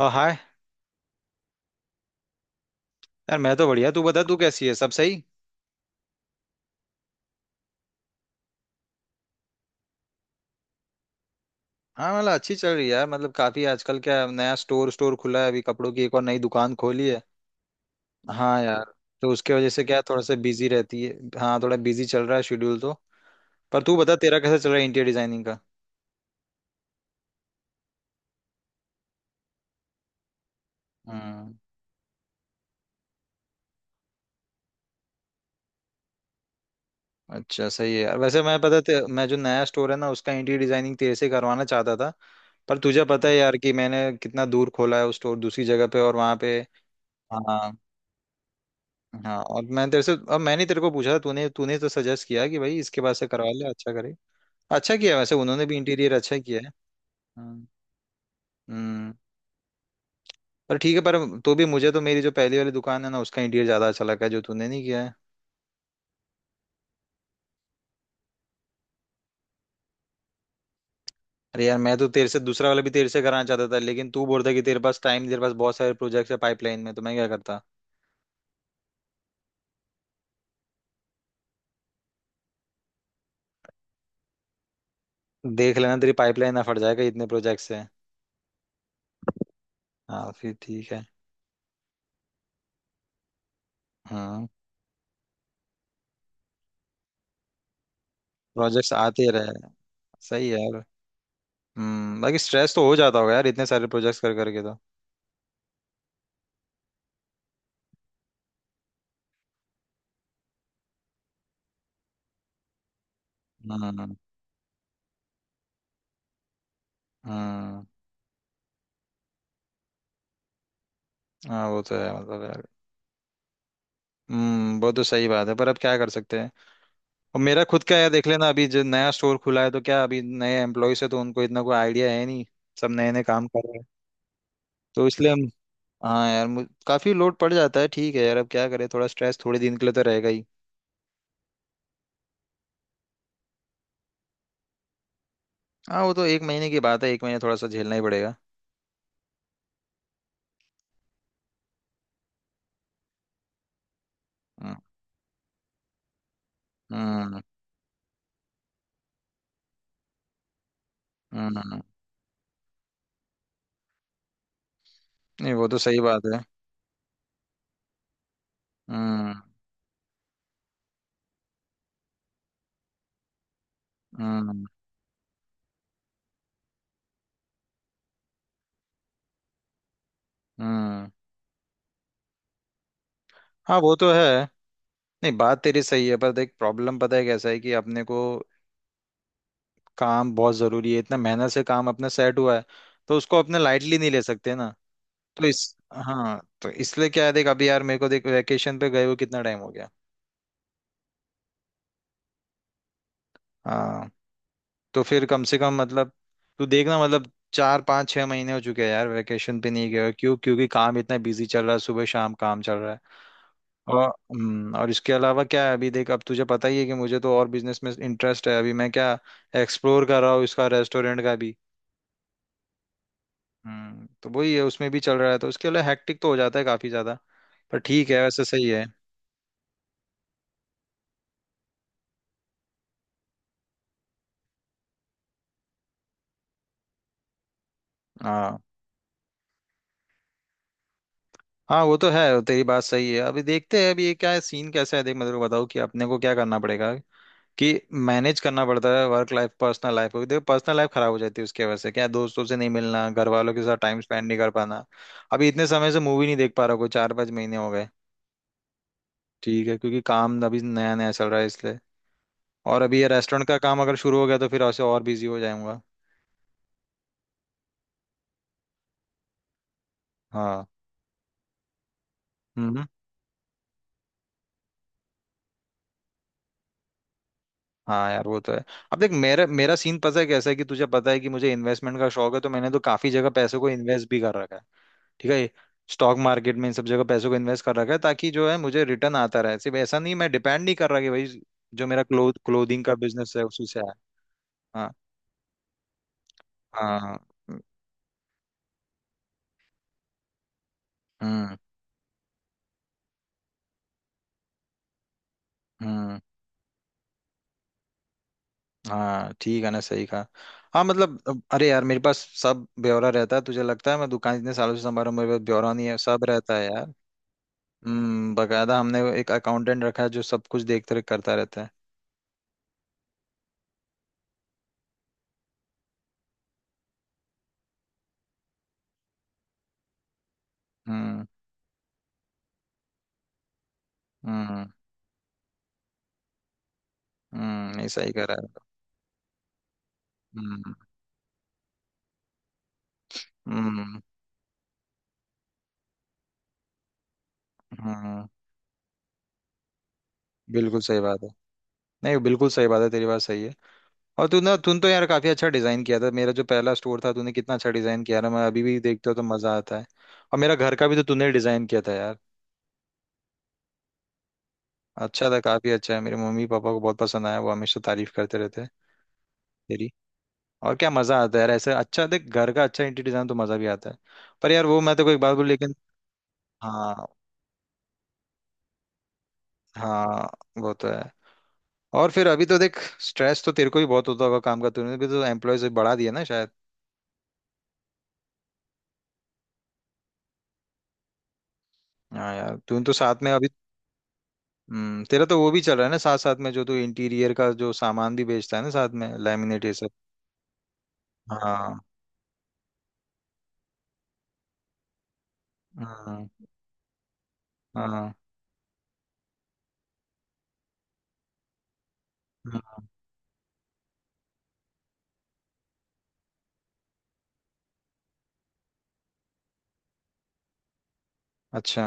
हाँ हाय। यार मैं तो बढ़िया। तू बता तू कैसी है, सब सही? हाँ मतलब अच्छी चल रही है यार। मतलब काफी आजकल क्या नया स्टोर स्टोर खुला है, अभी कपड़ों की एक और नई दुकान खोली है। हाँ यार। तो उसके वजह से क्या है, थोड़ा सा बिजी रहती है। हाँ थोड़ा बिजी चल रहा है शेड्यूल तो। पर तू बता तेरा कैसा चल रहा है इंटीरियर डिजाइनिंग का? हम्म। अच्छा सही है यार। वैसे मैं जो नया स्टोर है ना उसका इंटीरियर डिजाइनिंग तेरे से करवाना चाहता था। पर तुझे पता है यार कि मैंने कितना दूर खोला है उस स्टोर, दूसरी जगह पे, और वहाँ पे। हाँ। हाँ और मैं तेरे से अब मैंने तेरे को पूछा, तूने तूने तो सजेस्ट किया कि भाई इसके पास से करवा ले, अच्छा करे। अच्छा किया, वैसे उन्होंने भी इंटीरियर अच्छा किया है। हम्म। हम्म, पर ठीक है, पर तो भी मुझे तो मेरी जो पहली वाली दुकान है ना उसका इंटीरियर ज्यादा अच्छा लगा है, जो तूने नहीं किया है। अरे यार मैं तो तेरे से दूसरा वाला भी तेरे से कराना चाहता था, लेकिन तू बोल रहा कि तेरे पास टाइम, तेरे पास बहुत सारे प्रोजेक्ट्स है पाइपलाइन में, तो मैं क्या करता। देख लेना तेरी पाइपलाइन ना फट जाएगा, इतने प्रोजेक्ट्स है। हाँ फिर ठीक है। हाँ प्रोजेक्ट्स आते रहे। सही है यार। हम्म। बाकी स्ट्रेस तो हो जाता होगा यार, इतने सारे प्रोजेक्ट्स कर करके तो। हम्म। हम्म। हाँ वो तो है मतलब यार। वो तो सही बात है, पर अब क्या कर सकते हैं। और मेरा खुद का यार देख लेना, अभी जो नया स्टोर खुला है तो क्या, अभी नए एम्प्लॉयज है तो उनको इतना कोई आइडिया है नहीं। सब नए नए काम कर रहे हैं। तो इसलिए हम, हाँ यार काफी लोड पड़ जाता है। ठीक है यार, अब क्या करें, थोड़ा स्ट्रेस थोड़े दिन के लिए तो रहेगा ही। हाँ वो तो एक महीने की बात है, एक महीने थोड़ा सा झेलना ही पड़ेगा। हम्म। हम्म। हम्म, नहीं वो तो सही बात है। हम्म। हम्म। हम्म। हाँ वो तो है। नहीं बात तेरी सही है, पर देख प्रॉब्लम पता है कैसा है कि अपने को काम बहुत जरूरी है, इतना मेहनत से काम अपना सेट हुआ है, तो उसको अपने लाइटली नहीं ले सकते ना। तो इस हाँ तो इसलिए क्या है, देख अभी यार मेरे को देख वैकेशन पे गए हुए कितना टाइम हो गया। हाँ तो फिर कम से कम मतलब तू देखना, मतलब 4-5-6 महीने हो चुके हैं यार वैकेशन पे नहीं गया, क्यों? क्योंकि काम इतना बिजी चल रहा है, सुबह शाम काम चल रहा है। और इसके अलावा क्या है, अभी देख अब तुझे पता ही है कि मुझे तो और बिजनेस में इंटरेस्ट है, अभी मैं क्या एक्सप्लोर कर रहा हूँ इसका, रेस्टोरेंट का भी। तो वही है, उसमें भी चल रहा है, तो उसके लिए हैक्टिक तो हो जाता है काफी ज्यादा। पर ठीक है, वैसे सही है। हाँ। हाँ वो तो है, तेरी बात सही है। अभी देखते हैं, अभी ये क्या है सीन कैसा है, देख मैं तेरे को बताऊँ कि अपने को क्या करना पड़ेगा, कि मैनेज करना पड़ता है वर्क लाइफ पर्सनल लाइफ को। देखो पर्सनल लाइफ खराब हो जाती है, उसकी वजह से क्या, दोस्तों से नहीं मिलना, घर वालों के साथ टाइम स्पेंड नहीं कर पाना। अभी इतने समय से मूवी नहीं देख पा रहा, कोई 4-5 महीने हो गए। ठीक है, क्योंकि काम अभी नया नया चल रहा है इसलिए। और अभी ये रेस्टोरेंट का काम अगर शुरू हो गया तो फिर ऐसे और बिजी हो जाऊंगा। हाँ। हम्म। हाँ यार वो तो है। अब देख मेरा मेरा सीन पता है कैसा है, कि तुझे पता है कि मुझे इन्वेस्टमेंट का शौक है, तो मैंने तो काफी जगह पैसे को इन्वेस्ट भी कर रखा है। ठीक है। स्टॉक मार्केट में, इन सब जगह पैसों को इन्वेस्ट कर रखा है, ताकि जो है मुझे रिटर्न आता रहे, सिर्फ ऐसा नहीं मैं डिपेंड नहीं कर रहा कि भाई जो मेरा क्लोथिंग का बिजनेस है उसी से आया। हाँ। हाँ। हम्म। हम्म। हाँ ठीक है ना, सही कहा। हाँ मतलब अरे यार मेरे पास सब ब्यौरा रहता है, तुझे लगता है मैं दुकान इतने सालों से संभाल रहा हूँ मेरे पास ब्यौरा नहीं है? सब रहता है यार। बकायदा हमने एक अकाउंटेंट रखा है जो सब कुछ देख रेख करता रहता है। हम्म। हम्म। हम्म। नहीं सही कह रहा है। हम्म। हम्म। हम्म। बिल्कुल सही बात है। नहीं बिल्कुल सही बात है, तेरी बात सही है। और तू ना, तूने तो यार काफी अच्छा डिजाइन किया था मेरा, जो पहला स्टोर था तूने कितना अच्छा डिजाइन किया ना, मैं अभी भी देखता हूँ तो मजा आता है। और मेरा घर का भी तो तूने डिजाइन किया था यार। अच्छा था, काफी अच्छा है, मेरे मम्मी पापा को बहुत पसंद आया, वो हमेशा तारीफ करते रहते हैं तेरी। और क्या मजा आता है यार ऐसे, अच्छा देख, घर का अच्छा इंटीरियर डिजाइन तो मजा भी आता है। पर यार वो मैं तो एक बात बोलूं लेकिन। हाँ। हाँ वो तो है। और फिर अभी तो देख, स्ट्रेस तो तेरे को भी बहुत होता होगा काम का, तूने भी तो एम्प्लॉय से बढ़ा दिया ना शायद। हाँ यार तूने तो साथ में अभी। तेरा तो वो भी चल रहा है ना, साथ साथ में जो तू इंटीरियर का जो सामान भी बेचता है ना साथ में, लैमिनेट ये सब। हाँ। हाँ। हाँ। हाँ, अच्छा।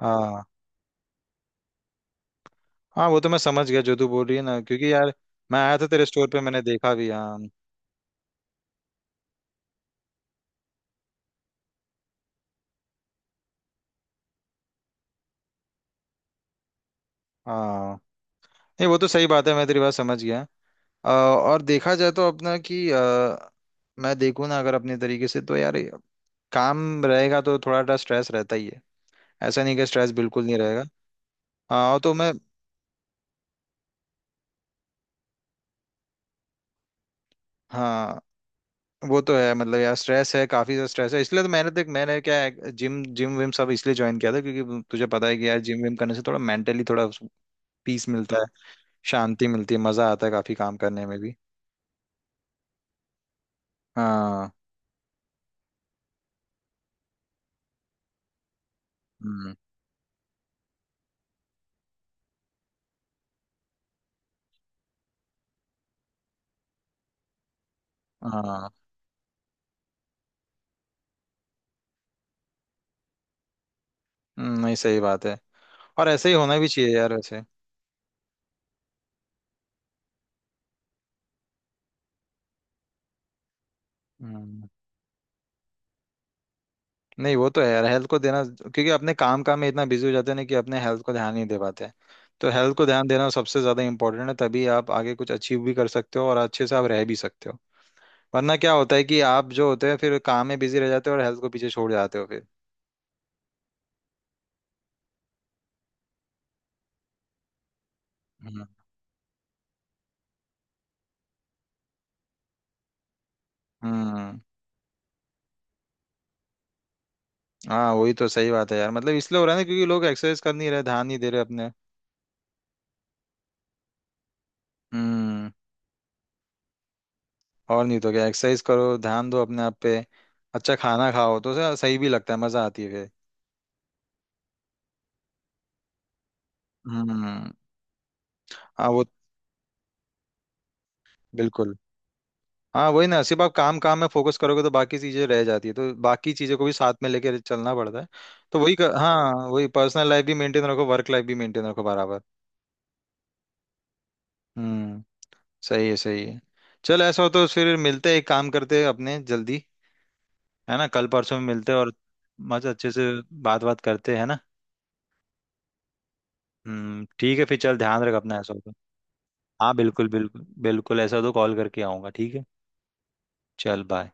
हाँ। हाँ वो तो मैं समझ गया जो तू बोल रही है ना, क्योंकि यार मैं आया था तेरे स्टोर पे, मैंने देखा भी हाँ। हाँ नहीं वो तो सही बात है, मैं तेरी बात समझ गया। और देखा जाए तो अपना कि मैं देखूँ ना अगर अपने तरीके से तो यार, काम रहेगा तो थोड़ा सा स्ट्रेस रहता ही है। ऐसा नहीं कि स्ट्रेस बिल्कुल नहीं रहेगा। हाँ तो मैं। हाँ वो तो है मतलब यार, स्ट्रेस है, काफी ज्यादा स्ट्रेस है, इसलिए तो मैंने देख मैंने क्या है जिम जिम विम सब इसलिए ज्वाइन किया था, क्योंकि तुझे पता है कि यार जिम विम करने से थोड़ा मेंटली थोड़ा पीस मिलता है, शांति मिलती है, मजा आता है काफी काम करने में भी। हाँ। हम्म। हाँ। नहीं सही बात है। और ऐसे ही होना भी चाहिए यार वैसे। हम्म। नहीं वो तो है यार हेल्थ को देना, क्योंकि अपने काम काम में इतना बिजी हो जाते हैं ना, कि अपने हेल्थ को ध्यान नहीं दे पाते हैं। तो हेल्थ को ध्यान देना सबसे ज्यादा इंपॉर्टेंट है, तभी आप आगे कुछ अचीव भी कर सकते हो और अच्छे से आप रह भी सकते हो। वरना क्या होता है कि आप जो होते हैं फिर काम में बिजी रह जाते हो और हेल्थ को पीछे छोड़ जाते हो फिर। हम्म। हम्म। हाँ वही तो सही बात है यार, मतलब इसलिए हो रहा है ना क्योंकि लोग एक्सरसाइज कर नहीं रहे, ध्यान नहीं दे रहे अपने। हम्म। और नहीं तो क्या, एक्सरसाइज करो, ध्यान दो अपने आप पे। अच्छा खाना खाओ तो सही भी लगता है, मजा आती है फिर। हम्म। हाँ वो बिल्कुल। हाँ वही ना, सिर्फ आप काम काम में फोकस करोगे तो बाकी चीजें रह जाती है, तो बाकी चीजों को भी साथ में लेकर चलना पड़ता है। तो वही कर, हाँ वही, पर्सनल लाइफ भी मेंटेन रखो वर्क लाइफ भी मेंटेन रखो बराबर। हम्म। सही है, सही है। चल ऐसा हो तो फिर मिलते हैं, एक काम करते हैं अपने जल्दी, है ना कल परसों में मिलते हैं, और मस्त अच्छे से बात बात करते हैं ना। ठीक है, फिर चल ध्यान रख अपना, ऐसा हो तो हाँ बिल्कुल बिल्कुल बिल्कुल, ऐसा हो तो कॉल करके आऊंगा ठीक है। चल बाय।